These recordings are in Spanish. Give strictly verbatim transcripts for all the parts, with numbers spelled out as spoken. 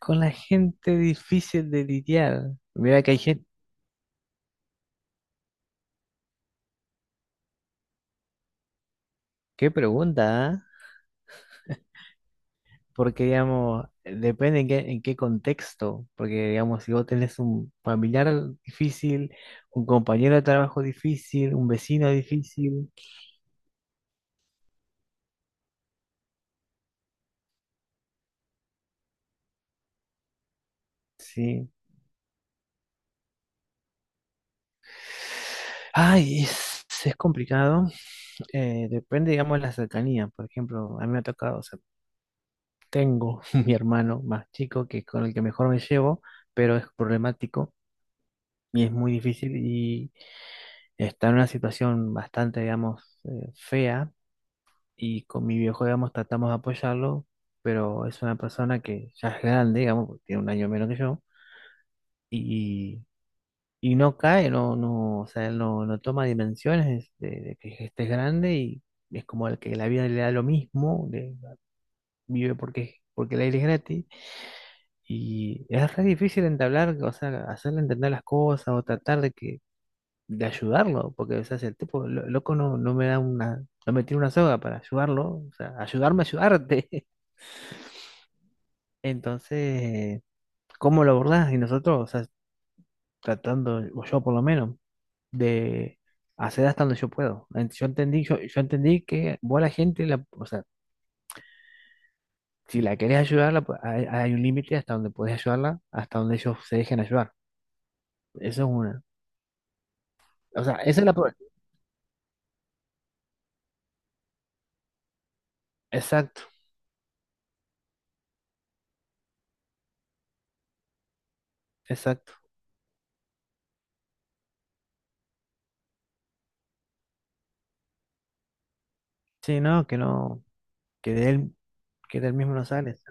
Con la gente difícil de lidiar. Mira que hay gente. Qué pregunta, ¿ah? Porque, digamos, eh, depende en qué, en qué contexto. Porque, digamos, si vos tenés un familiar difícil, un compañero de trabajo difícil, un vecino difícil, sí. Ay, es, es complicado. Eh, depende, digamos, de la cercanía. Por ejemplo, a mí me ha tocado, o sea, tengo mi hermano más chico que con el que mejor me llevo, pero es problemático y es muy difícil. Y está en una situación bastante, digamos, eh, fea y con mi viejo, digamos, tratamos de apoyarlo, pero es una persona que ya es grande, digamos, porque tiene un año menos que yo y, y no cae, no, no, o sea, él no, no toma dimensiones de, de que este es grande y es como el que la vida le da lo mismo, de- vive porque, porque el aire es gratis y es re difícil entablar, o sea, hacerle entender las cosas o tratar de que de ayudarlo, porque o sea, si el tipo, lo- loco, no, no me da una, no me tiene una soga para ayudarlo, o sea, ayudarme a ayudarte. Entonces, ¿cómo lo abordás? Y nosotros, o sea, tratando, o yo por lo menos, de hacer hasta donde yo puedo. En- Yo entendí, yo, yo entendí que vos a la gente, la- o sea, si la querés ayudar, la po- hay, hay un límite hasta donde podés ayudarla, hasta donde ellos se dejen ayudar. Eso es una. O sea, esa es la... pro- Exacto, exacto. Sí, no, que no, que de él, que del mismo no sales.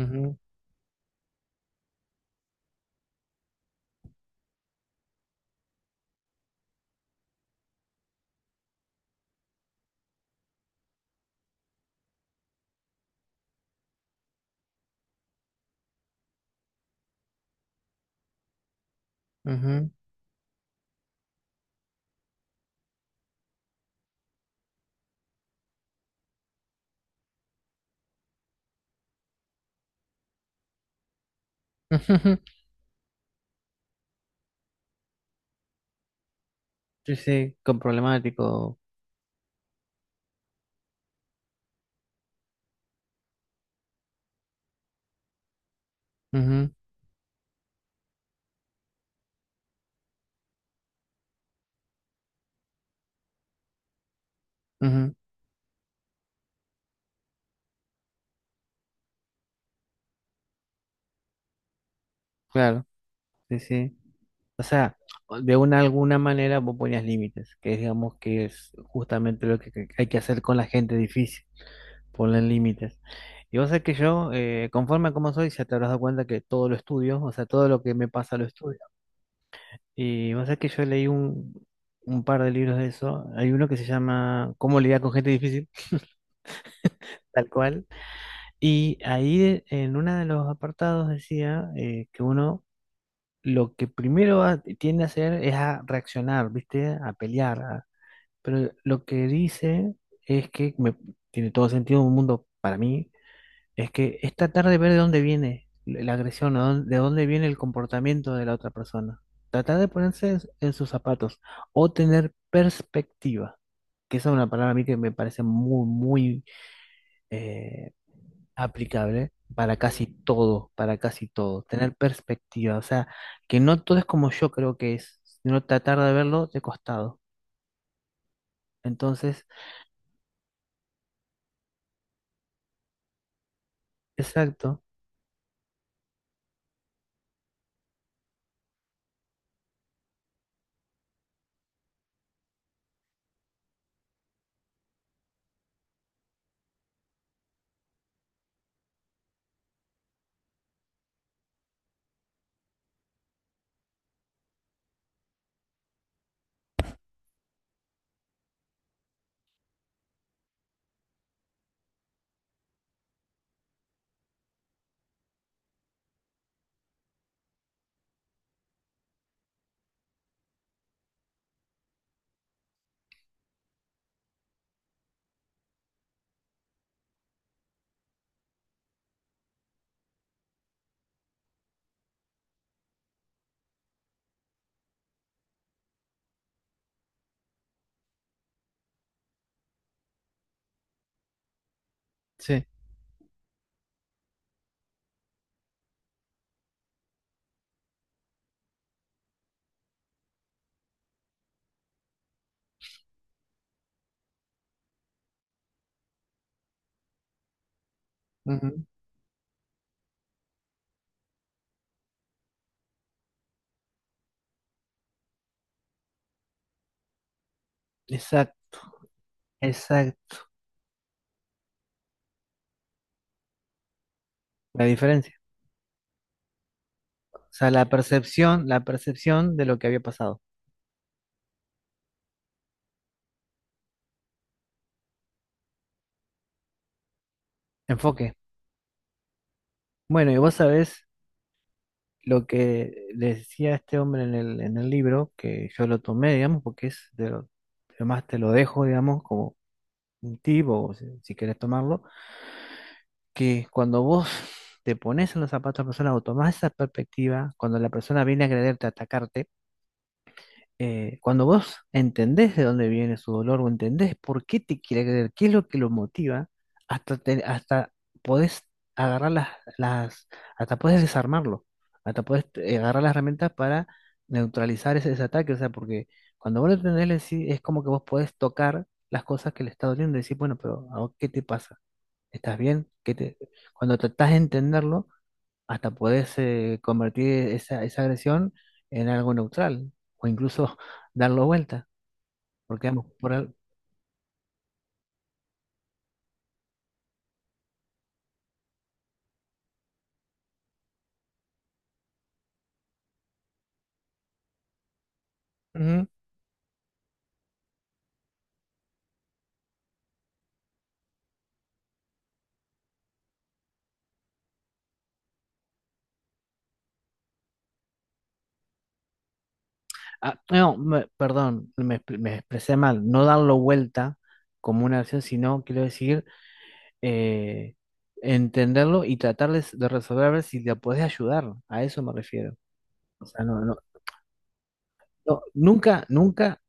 Ujú, ujú, ujú. Sí, sí, con problemático. Ujú, ujú, claro, sí, sí. O sea, de una alguna manera vos ponías límites, que es, digamos que es justamente lo que que hay que hacer con la gente difícil, poner límites. Y vos sabés que yo, eh, conforme a cómo soy, ya te habrás dado cuenta que todo lo estudio, o sea, todo lo que me pasa lo estudio. Y vos sabés que yo leí un, un par de libros de eso. Hay uno que se llama Cómo lidiar con gente difícil, tal cual. Y ahí de- en uno de los apartados decía eh, que uno lo que primero va- tiende a hacer es a reaccionar, ¿viste? A pelear. a- Pero lo que dice es que, me, tiene todo sentido un mundo para mí, es que es tratar de ver de dónde viene la agresión, o dón- de dónde viene el comportamiento de la otra persona. Tratar de ponerse en en sus zapatos o tener perspectiva, que esa es una palabra a mí que me parece muy, muy eh, aplicable para casi todo, para casi todo, tener perspectiva, o sea, que no todo es como yo creo que es, sino tratar de verlo de costado. Entonces, exacto, sí, exacto, exacto, la diferencia, o sea, la percepción, la percepción de lo que había pasado, enfoque. Bueno, y vos sabés lo que le decía este hombre en el, en el libro, que yo lo tomé, digamos, porque es de lo, además te lo dejo, digamos, como un tipo, si si querés tomarlo que cuando vos te pones en los zapatos de la persona o tomás esa perspectiva, cuando la persona viene a agrederte, a atacarte, eh, cuando vos entendés de dónde viene su dolor o entendés por qué te quiere agredir, qué es lo que lo motiva, hasta, te- hasta podés agarrar las, las, hasta podés desarmarlo, hasta podés eh, agarrar las herramientas para neutralizar ese, ese ataque, o sea, porque cuando vos lo entendés, le decís- es como que vos podés tocar las cosas que le está doliendo y decir, bueno, pero ¿a vos ¿qué te pasa? ¿Estás bien? Que te, cuando tratás de entenderlo, hasta podés eh, convertir esa, esa agresión en algo neutral o incluso darlo vuelta, porque vamos por al- Ujú. Ah, no, me- perdón, me, expre- me expresé mal. No darlo vuelta como una acción, sino quiero decir eh, entenderlo y tratarles de resolver a ver si le podés ayudar. A eso me refiero. O sea, no, no, no, nunca, nunca,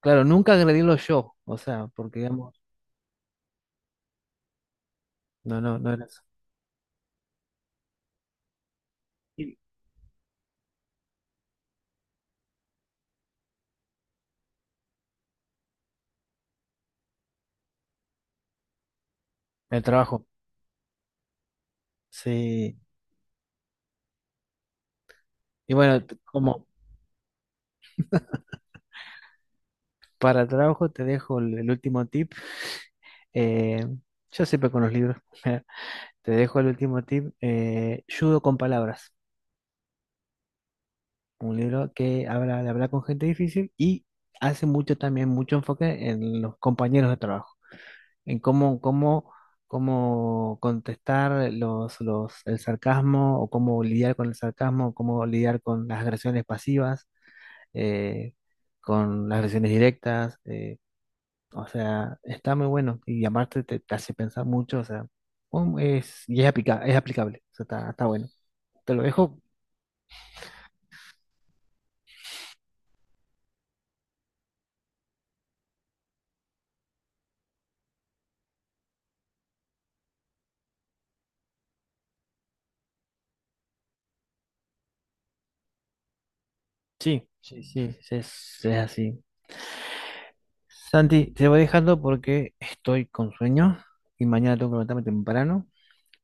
claro, nunca agredirlo yo. O sea, porque digamos, no, no, no era Y- El trabajo, sí. Y bueno, t- como para trabajo te dejo el, el último tip. eh, yo siempre con los libros. Te dejo el último tip. eh, Judo con palabras. Un libro que habla de hablar con gente difícil y hace mucho también, mucho enfoque en los compañeros de trabajo. En cómo, cómo, cómo contestar los, los, el sarcasmo o cómo lidiar con el sarcasmo, cómo lidiar con las agresiones pasivas eh, con las versiones directas, eh, o sea, está muy bueno y aparte te, te hace pensar mucho, o sea, um, es, y es, aplica- es aplicable, o sea, está, está bueno. Te lo dejo, sí, sí, sí, es, es así. Santi, te voy dejando porque estoy con sueño y mañana tengo que levantarme temprano,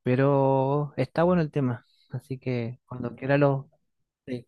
pero está bueno el tema, así que cuando quiera lo... sí.